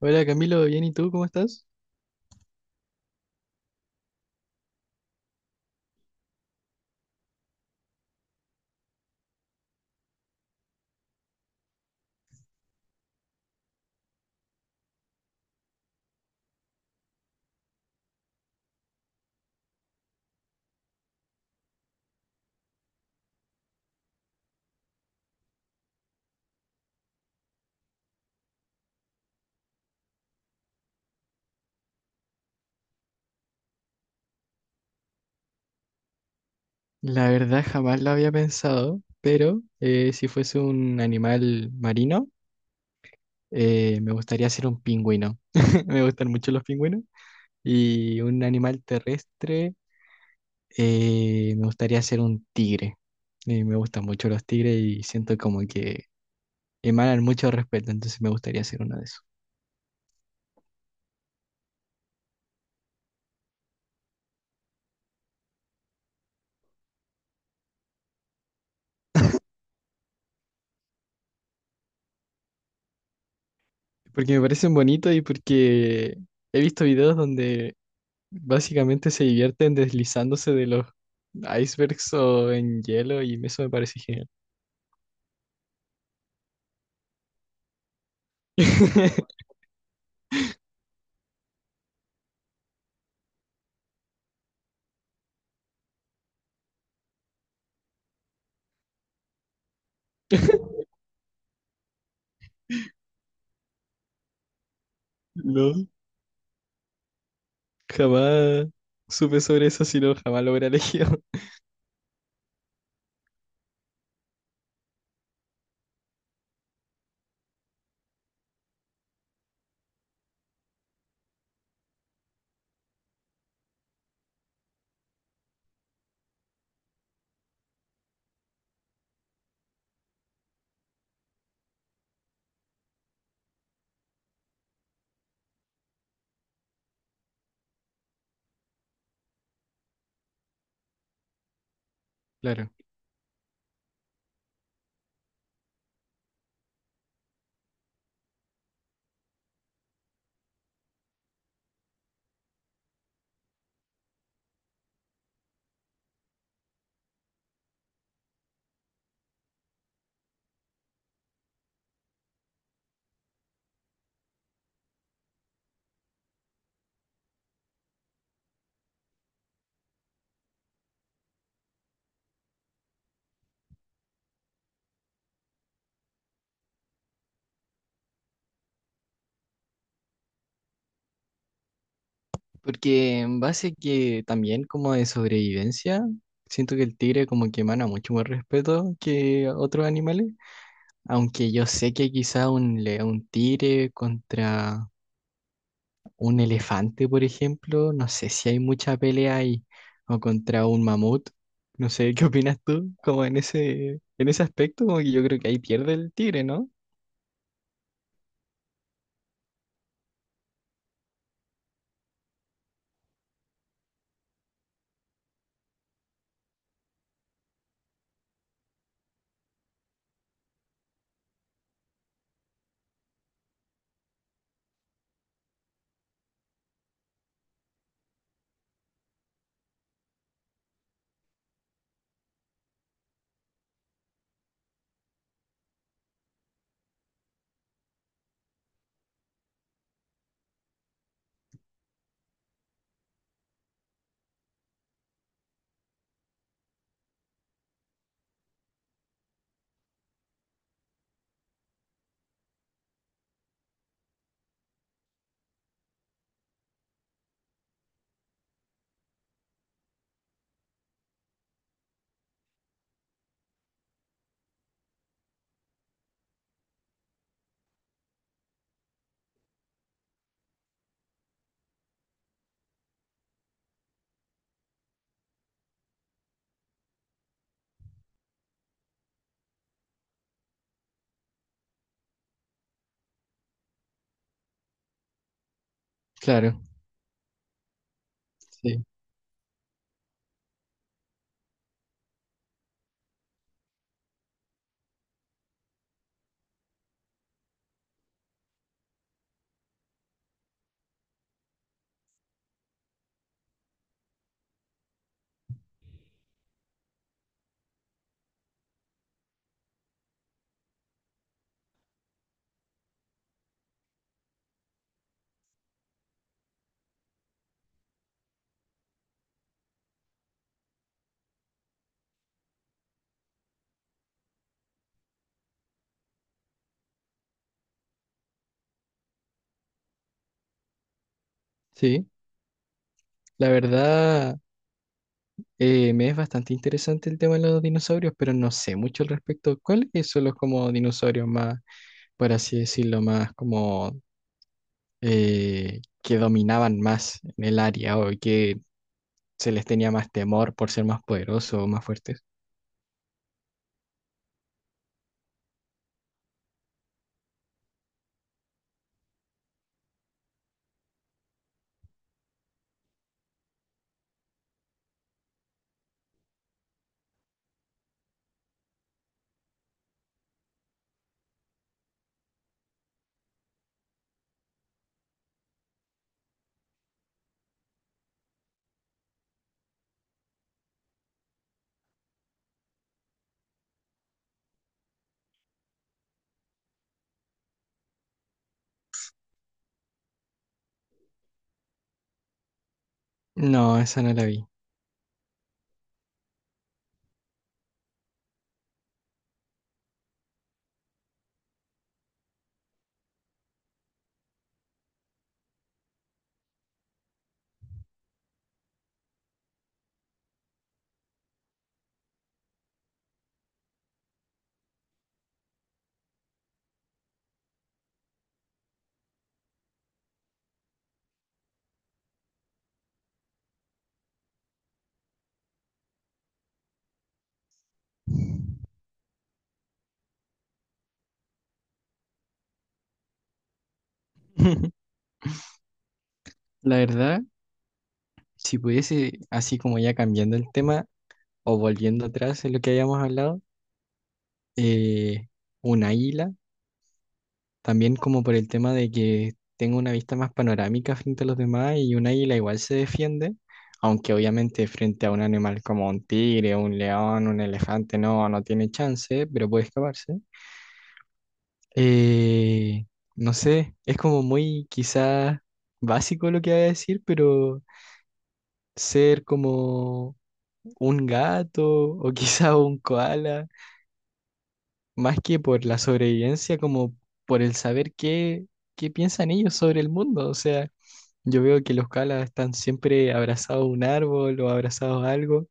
Hola Camilo, bien, ¿y tú cómo estás? La verdad jamás lo había pensado, pero si fuese un animal marino, me gustaría ser un pingüino. Me gustan mucho los pingüinos. Y un animal terrestre, me gustaría ser un tigre. Me gustan mucho los tigres y siento como que emanan mucho respeto, entonces me gustaría ser uno de esos. Porque me parecen bonitos y porque he visto videos donde básicamente se divierten deslizándose de los icebergs o en hielo y eso me parece genial. No, jamás supe sobre eso, sino jamás lo hubiera elegido. Claro. Porque en base que también como de sobrevivencia, siento que el tigre como que emana mucho más respeto que otros animales. Aunque yo sé que quizá un, le- un tigre contra Un elefante, por ejemplo, no sé si hay mucha pelea ahí, o contra un mamut, no sé, ¿qué opinas tú? Como en ese aspecto, como que yo creo que ahí pierde el tigre, ¿no? Claro, sí, sí. La verdad, me es bastante interesante el tema de los dinosaurios, pero no sé mucho al respecto. ¿Cuáles son los como dinosaurios más, por así decirlo, más como que dominaban más en el área o que se les tenía más temor por ser más poderosos o más fuertes? No, esa no la vi. La verdad, si pudiese, así como ya cambiando el tema o volviendo atrás en lo que habíamos hablado, eh, un águila, también como por el tema de que tengo una vista más panorámica frente a los demás y un águila igual se defiende, aunque obviamente frente a un animal como un tigre, un león, un elefante, no, no tiene chance, pero puede escaparse. Eh, no sé, es como muy quizás básico lo que voy a decir, pero ser como un gato o quizá un koala, más que por la sobrevivencia, como por el saber qué piensan ellos sobre el mundo. O sea, yo veo que los koalas están siempre abrazados a un árbol o abrazados a algo,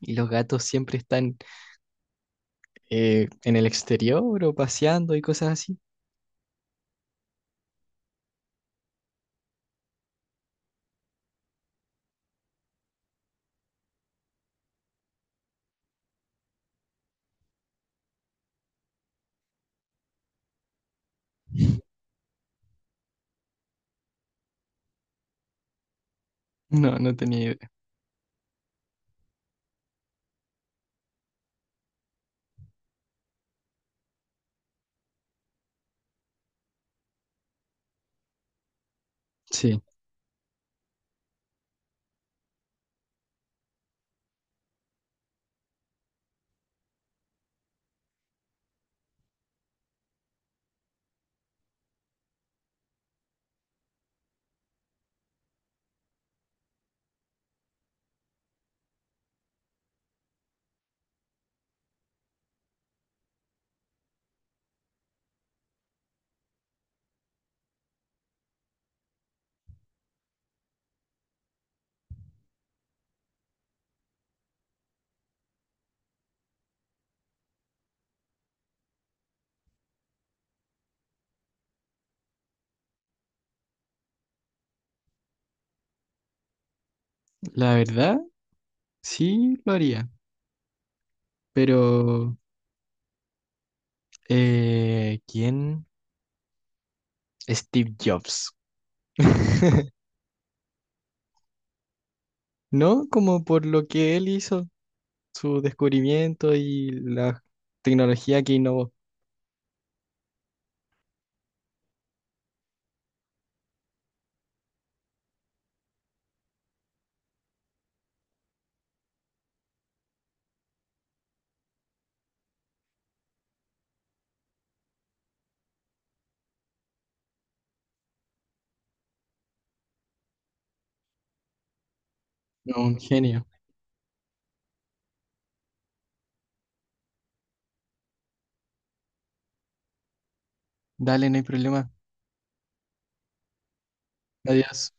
y los gatos siempre están en el exterior o paseando y cosas así. No, no tenía idea. Sí, la verdad, sí lo haría, pero ¿quién? Steve Jobs. No, como por lo que él hizo, su descubrimiento y la tecnología que innovó. No, un genio. Dale, no hay problema. Adiós.